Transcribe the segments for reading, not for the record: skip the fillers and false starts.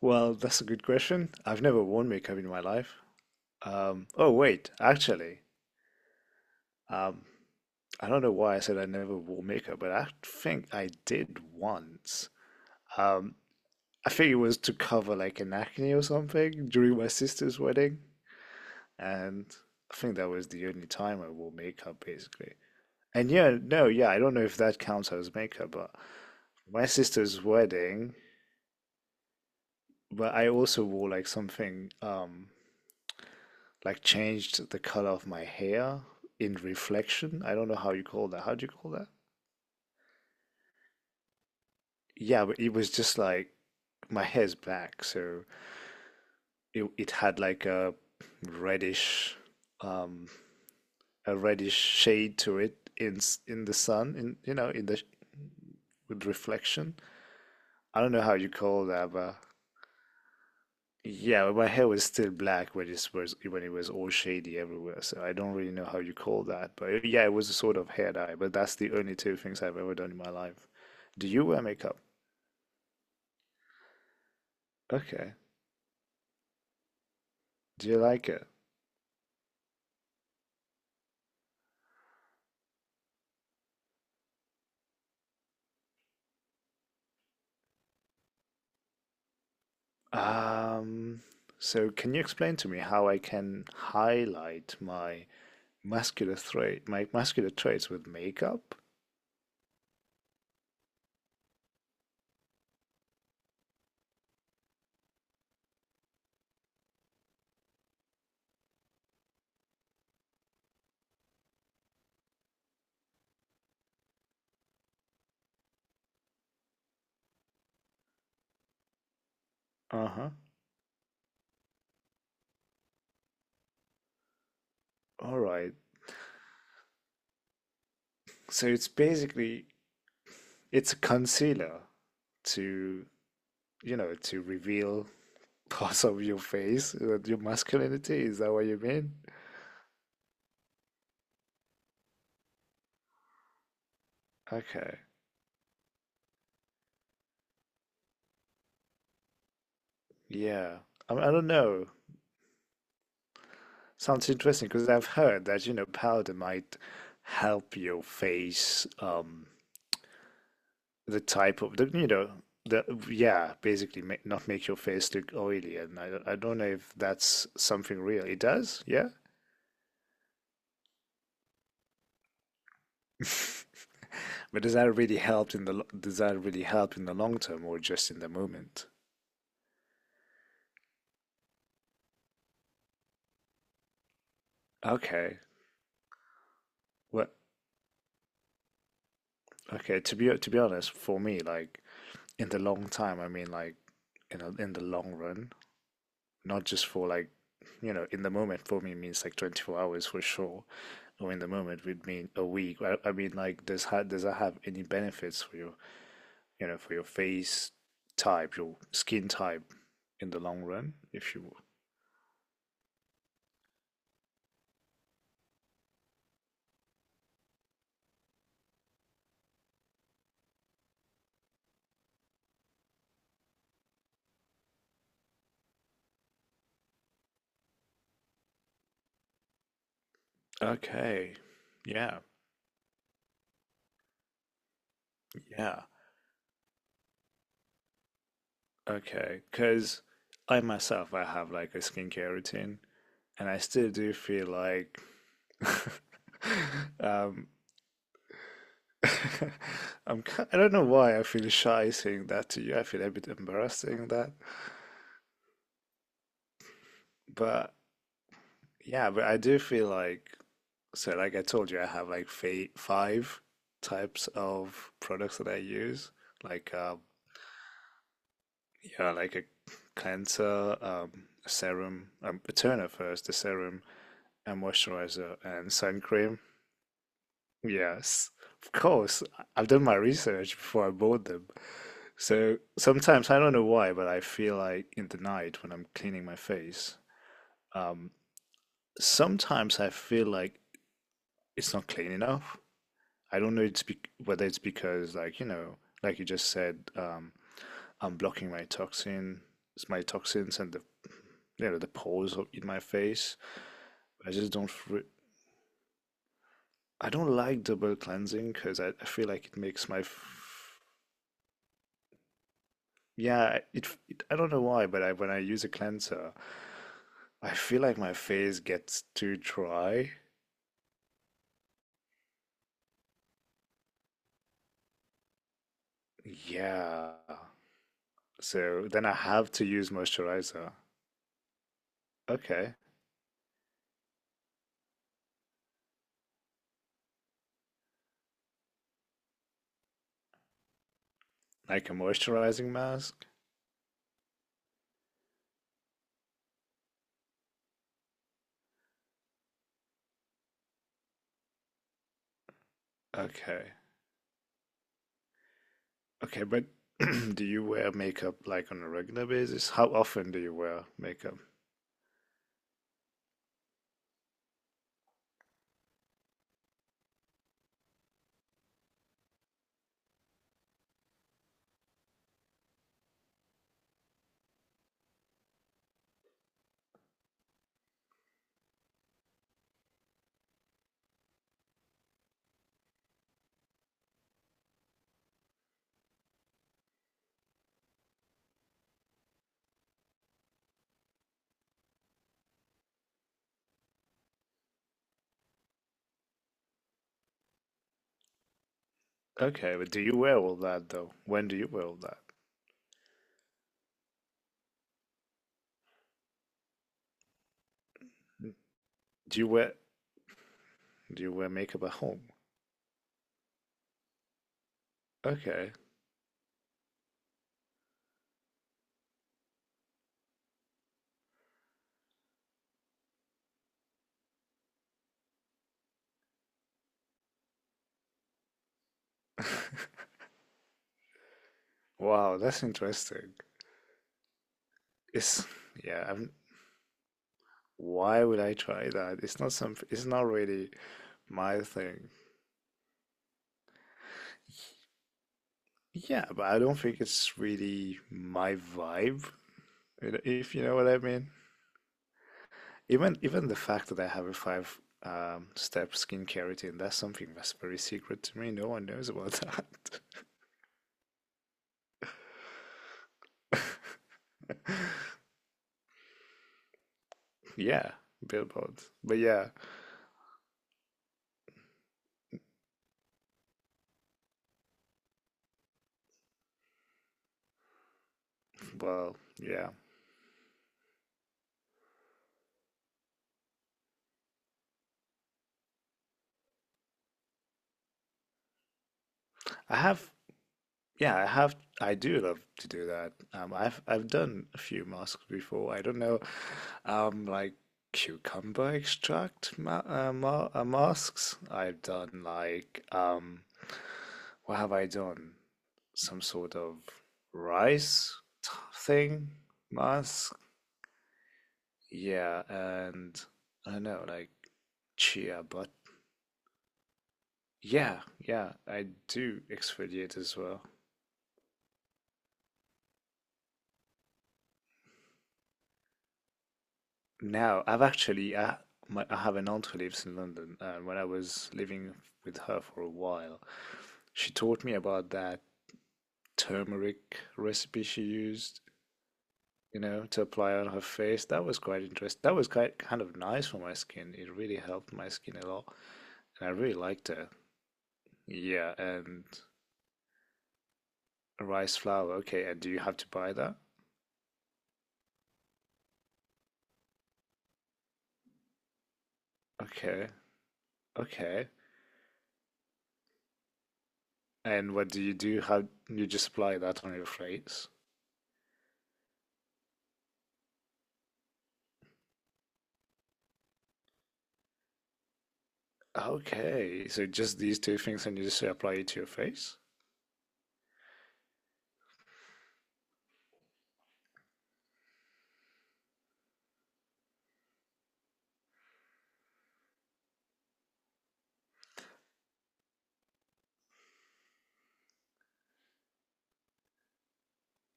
Well, that's a good question. I've never worn makeup in my life. Oh, wait, actually, um, I don't know why I said I never wore makeup, but I think I did once. Um, I think it was to cover like an acne or something during my sister's wedding, and I think that was the only time I wore makeup basically. And yeah, no, yeah, I don't know if that counts as makeup, but my sister's wedding, but I also wore like something like changed the color of my hair in reflection. I don't know how you call that. How do you call that? Yeah, but it was just like my hair's black, so it had like reddish um a reddish shade to it in the sun, in you know in the with reflection. I don't know how you call that, but, yeah, but my hair was still black when it was all shady everywhere. So I don't really know how you call that. But yeah, it was a sort of hair dye. But that's the only two things I've ever done in my life. Do you wear makeup? Okay. Do you like it? Um, so can you explain to me how I can highlight my my muscular traits with makeup? Uh-huh. All right. So it's basically it's a concealer to, to reveal parts of your face, your masculinity. Is that what you mean? Okay, yeah. I don't know. Sounds interesting because I've heard that, powder might help your face, the type of the, the, yeah, basically make, not make your face look oily. And I don't know if that's something real. It does, yeah? But does that really help in the, lo- does that really help in the long term, or just in the moment? Okay. Well, okay, to be honest, for me, like in the long time, I mean, like in the long run, not just for like, in the moment for me means like 24 hours for sure, or in the moment would mean a week. I mean, like, does that have any benefits for your, for your face type, your skin type in the long run, if you. Okay, yeah, yeah, okay, because I myself I have like a skincare routine, and I still do feel like um, I don't know why I feel shy saying that to you. I feel a bit embarrassed saying that, but yeah, but I do feel like so. Like I told you, I have like fa five types of products that I use, like, yeah, like a cleanser, a serum, a toner first, a serum, a moisturizer, and sun cream. Yes, of course. I have done my research before I bought them. So sometimes, I don't know why, but I feel like in the night when I'm cleaning my face, um, sometimes I feel like it's not clean enough. I don't know it's be whether it's because, like, like you just said, I'm blocking my toxins and the pores in my face. I just don't, re- I don't like double cleansing because I feel like it makes my f-. Yeah, it I don't know why, but I when I use a cleanser, I feel like my face gets too dry. Yeah. So then I have to use moisturizer. Okay. Like a moisturizing mask? Okay. Okay, but do you wear makeup like on a regular basis? How often do you wear makeup? Okay, but do you wear all that though? When do you wear all that? Do you wear do you wear makeup at home? Okay. Wow, that's interesting. It's Yeah. I've Why would I try that? It's not something, it's not really my thing. Yeah, but I don't think it's really my vibe, if you know what I mean. Even the fact that I have a five step skincare routine, that's something that's very secret to me. No one knows about that. Yeah, billboards. But yeah, well, yeah. I have Yeah, I have. I do love to do that. I've done a few masks before. I don't know, like cucumber extract ma ma masks. I've done like what have I done? Some sort of rice t- thing mask. Yeah, and I don't know, like chia. But yeah, yeah, I do exfoliate as well. Now, I've actually I, my, I have an aunt who lives in London, and when I was living with her for a while, she taught me about that turmeric recipe she used, you know, to apply on her face. That was quite interesting. That was quite kind of nice for my skin. It really helped my skin a lot, and I really liked it. Yeah, and rice flour. Okay, and do you have to buy that? Okay, okay. And what do you do? How you just apply that on your face? Okay, so just these two things and you just apply it to your face?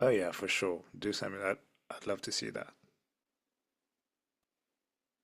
Oh yeah, for sure. Do something that I'd love to see that.